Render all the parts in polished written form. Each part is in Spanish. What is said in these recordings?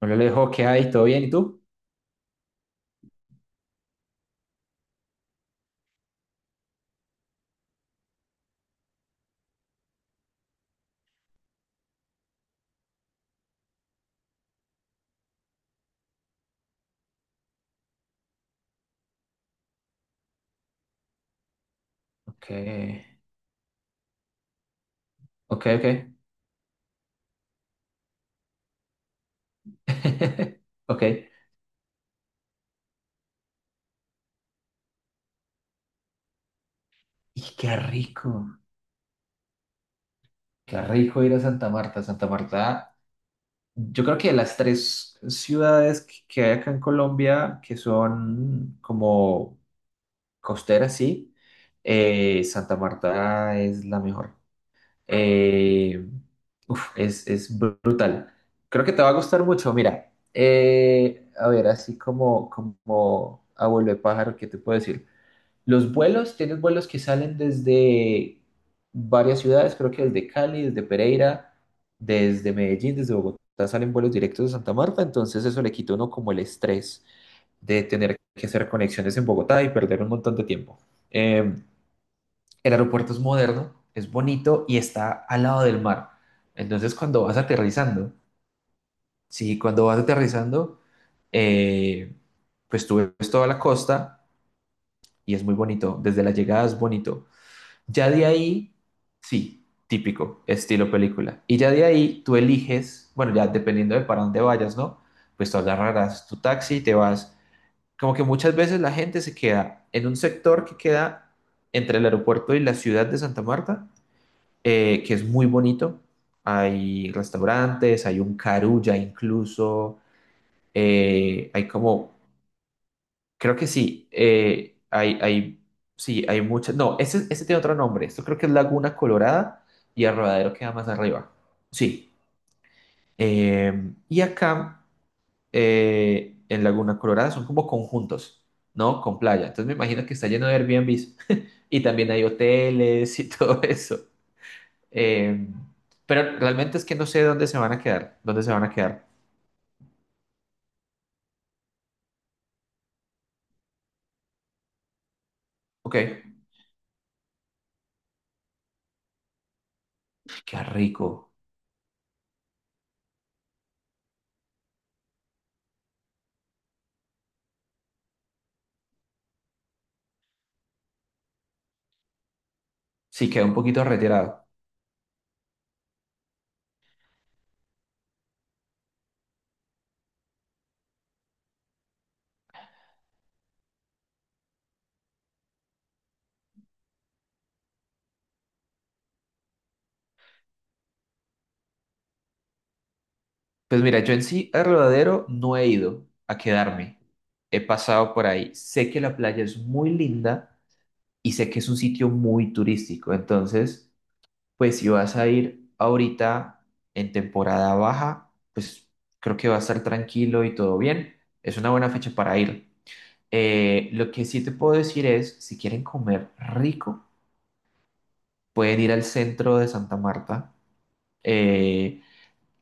Hola Alejo, ¿qué hay? ¿Todo bien? ¿Y tú? Ok, ok, ok. Ok. Y qué rico ir a Santa Marta. Santa Marta, yo creo que de las tres ciudades que hay acá en Colombia, que son como costeras, sí, Santa Marta es la mejor. Eh, uf, es brutal. Creo que te va a gustar mucho. Mira, a ver, así como, como abuelo de pájaro, ¿qué te puedo decir? Los vuelos, tienes vuelos que salen desde varias ciudades, creo que desde Cali, desde Pereira, desde Medellín, desde Bogotá, salen vuelos directos de Santa Marta, entonces eso le quita a uno como el estrés de tener que hacer conexiones en Bogotá y perder un montón de tiempo. Eh, el aeropuerto es moderno, es bonito y está al lado del mar. Entonces cuando vas aterrizando, sí, cuando vas aterrizando, eh, pues tú ves toda la costa y es muy bonito. Desde la llegada es bonito. Ya de ahí, sí, típico, estilo película. Y ya de ahí tú eliges, bueno, ya dependiendo de para dónde vayas, ¿no? Pues tú agarrarás tu taxi y te vas. Como que muchas veces la gente se queda en un sector que queda entre el aeropuerto y la ciudad de Santa Marta, que es muy bonito. Hay restaurantes, hay un carulla incluso, hay como creo que sí. Sí, hay muchas. No, ese tiene otro nombre. Esto creo que es Laguna Colorada y el queda más arriba. Sí. eh, y acá en Laguna Colorada son como conjuntos, ¿no? Con playa. Entonces me imagino que está lleno de Airbnbs y también hay hoteles y todo eso. Eh, pero realmente es que no sé dónde se van a quedar. ¿Dónde se van a quedar? Ok. Qué rico. Sí, queda un poquito retirado. Pues mira, yo en sí a Rodadero no he ido a quedarme. He pasado por ahí. Sé que la playa es muy linda y sé que es un sitio muy turístico. Entonces, pues si vas a ir ahorita en temporada baja, pues creo que va a estar tranquilo y todo bien. Es una buena fecha para ir. Lo que sí te puedo decir es, si quieren comer rico, pueden ir al centro de Santa Marta. Eh,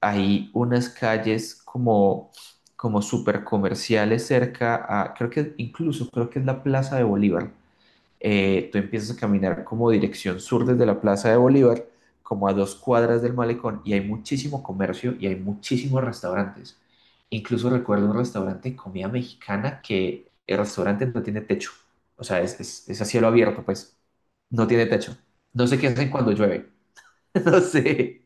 hay unas calles como, como súper comerciales cerca a, creo que incluso creo que es la Plaza de Bolívar. Tú empiezas a caminar como dirección sur desde la Plaza de Bolívar, como a dos cuadras del malecón, y hay muchísimo comercio y hay muchísimos restaurantes. Incluso recuerdo un restaurante de comida mexicana que el restaurante no tiene techo. O sea, es a cielo abierto, pues. No tiene techo. No sé qué hacen cuando llueve. No sé.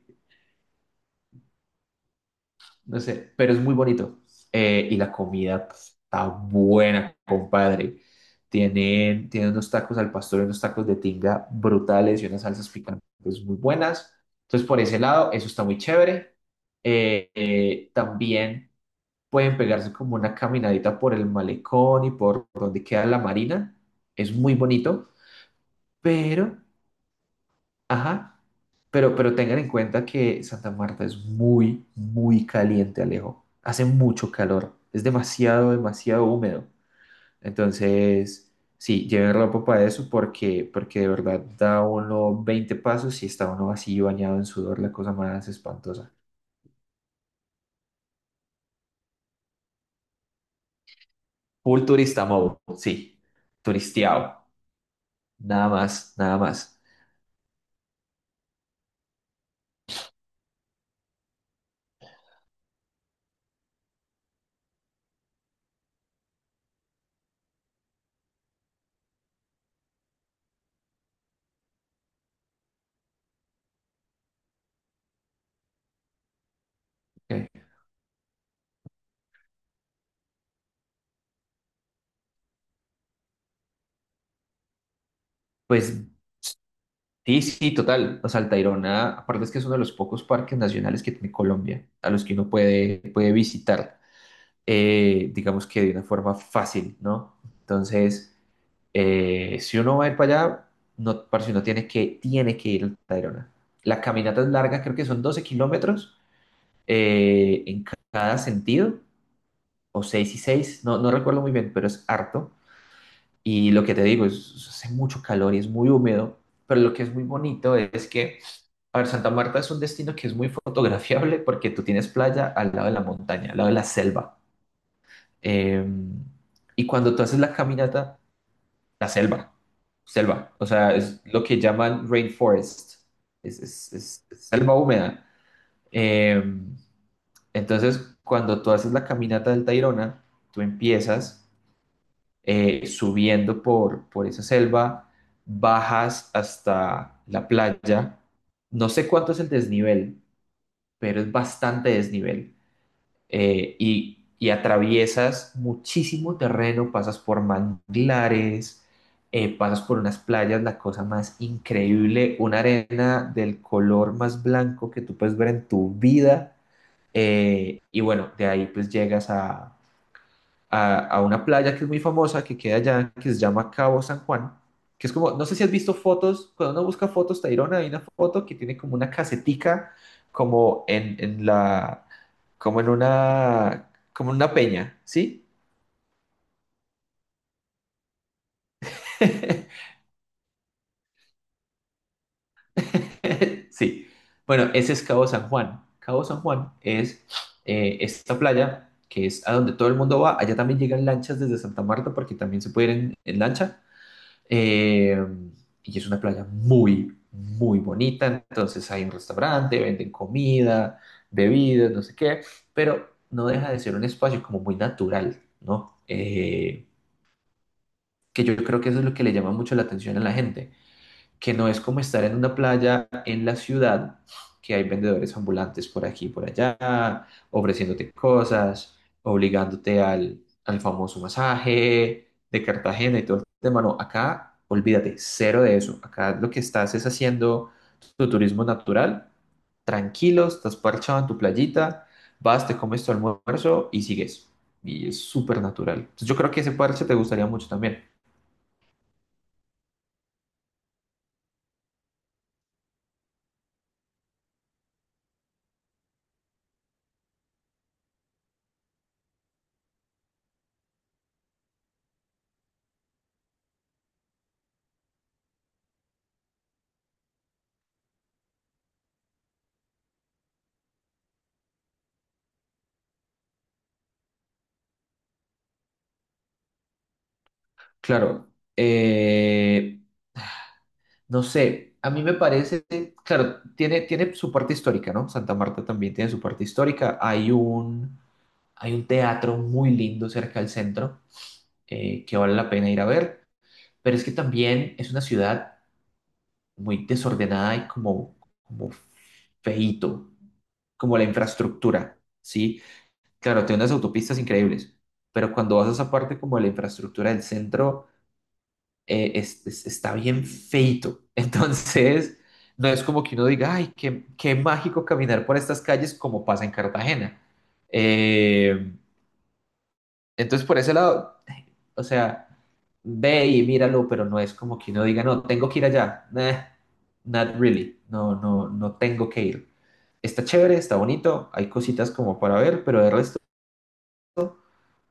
No sé, pero es muy bonito. Y la comida pues, está buena, compadre. Tienen unos tacos al pastor, y unos tacos de tinga brutales y unas salsas picantes muy buenas. Entonces, por ese lado, eso está muy chévere. También pueden pegarse como una caminadita por el malecón y por donde queda la marina. Es muy bonito, pero ajá, pero tengan en cuenta que Santa Marta es muy, muy caliente, Alejo. Hace mucho calor, es demasiado, demasiado húmedo. Entonces, sí, lleven ropa para eso porque, porque de verdad da uno 20 pasos y está uno así bañado en sudor, la cosa más espantosa. Full turista mode, sí, turisteado, nada más, nada más. Ok, pues sí, sí, total. O sea, el Tayrona, aparte es que es uno de los pocos parques nacionales que tiene Colombia, a los que uno puede, puede visitar, digamos que de una forma fácil, ¿no? Entonces, si uno va a ir para allá, no, parce, uno tiene que ir al Tayrona. La caminata es larga, creo que son 12 kilómetros en cada sentido, o 6 y 6, no, no recuerdo muy bien, pero es harto. Y lo que te digo, es, hace mucho calor y es muy húmedo, pero lo que es muy bonito es que, a ver, Santa Marta es un destino que es muy fotografiable porque tú tienes playa al lado de la montaña, al lado de la selva. Eh, y cuando tú haces la caminata, la selva, selva, o sea, es lo que llaman rainforest, es selva húmeda. Eh, entonces, cuando tú haces la caminata del Tayrona, tú empiezas subiendo por esa selva, bajas hasta la playa. No sé cuánto es el desnivel, pero es bastante desnivel. Y atraviesas muchísimo terreno, pasas por manglares, pasas por unas playas, la cosa más increíble, una arena del color más blanco que tú puedes ver en tu vida. Y bueno, de ahí pues llegas a, a una playa que es muy famosa, que queda allá, que se llama Cabo San Juan, que es como, no sé si has visto fotos, cuando uno busca fotos, Tayrona, hay una foto que tiene como una casetica, como en la, como en una peña, ¿sí? Sí. Bueno, ese es Cabo San Juan. Cabo San Juan es esta playa que es a donde todo el mundo va. Allá también llegan lanchas desde Santa Marta porque también se puede ir en lancha. Eh, y es una playa muy, muy bonita. Entonces hay un restaurante, venden comida, bebidas, no sé qué, pero no deja de ser un espacio como muy natural, ¿no? Que yo creo que eso es lo que le llama mucho la atención a la gente que no es como estar en una playa en la ciudad, que hay vendedores ambulantes por aquí y por allá, ofreciéndote cosas, obligándote al, al famoso masaje de Cartagena y todo el tema. No, acá olvídate, cero de eso. Acá lo que estás es haciendo tu turismo natural, tranquilo, estás parchado en tu playita, vas, te comes tu almuerzo y sigues. Y es súper natural. Entonces, yo creo que ese parche te gustaría mucho también. Claro, eh, no sé, a mí me parece, claro, tiene su parte histórica, ¿no? Santa Marta también tiene su parte histórica. Hay un teatro muy lindo cerca del centro que vale la pena ir a ver, pero es que también es una ciudad muy desordenada y como, como feíto, como la infraestructura, ¿sí? Claro, tiene unas autopistas increíbles, pero cuando vas a esa parte como de la infraestructura del centro está bien feito. Entonces, no es como que uno diga, ay, qué, qué mágico caminar por estas calles como pasa en Cartagena. Eh, entonces, por ese lado, o sea, ve y míralo, pero no es como que uno diga, no, tengo que ir allá. Nah, not really. No, no, no tengo que ir. Está chévere, está bonito, hay cositas como para ver, pero de resto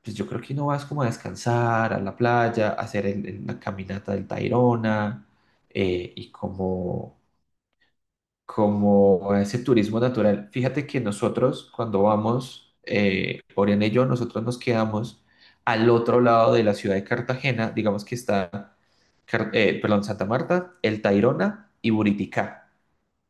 pues yo creo que no vas como a descansar, a la playa, a hacer la caminata del Tayrona y como, como ese turismo natural. Fíjate que nosotros cuando vamos, Oriana y yo, nosotros nos quedamos al otro lado de la ciudad de Cartagena, digamos que está, perdón, Santa Marta, el Tayrona y Buriticá.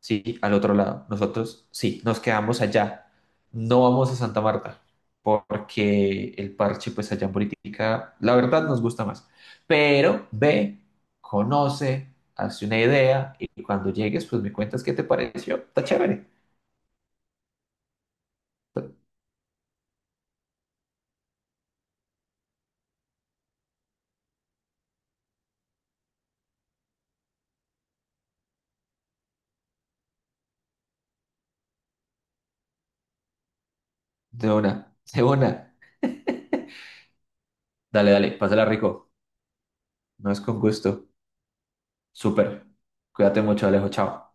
Sí, al otro lado. Nosotros, sí, nos quedamos allá. No vamos a Santa Marta, porque el parche, pues allá en política, la verdad nos gusta más. Pero ve, conoce, hace una idea y cuando llegues, pues me cuentas qué te pareció. Está chévere. De una, de una. Dale, dale, pásala rico. No es con gusto. Súper. Cuídate mucho, Alejo. Chao.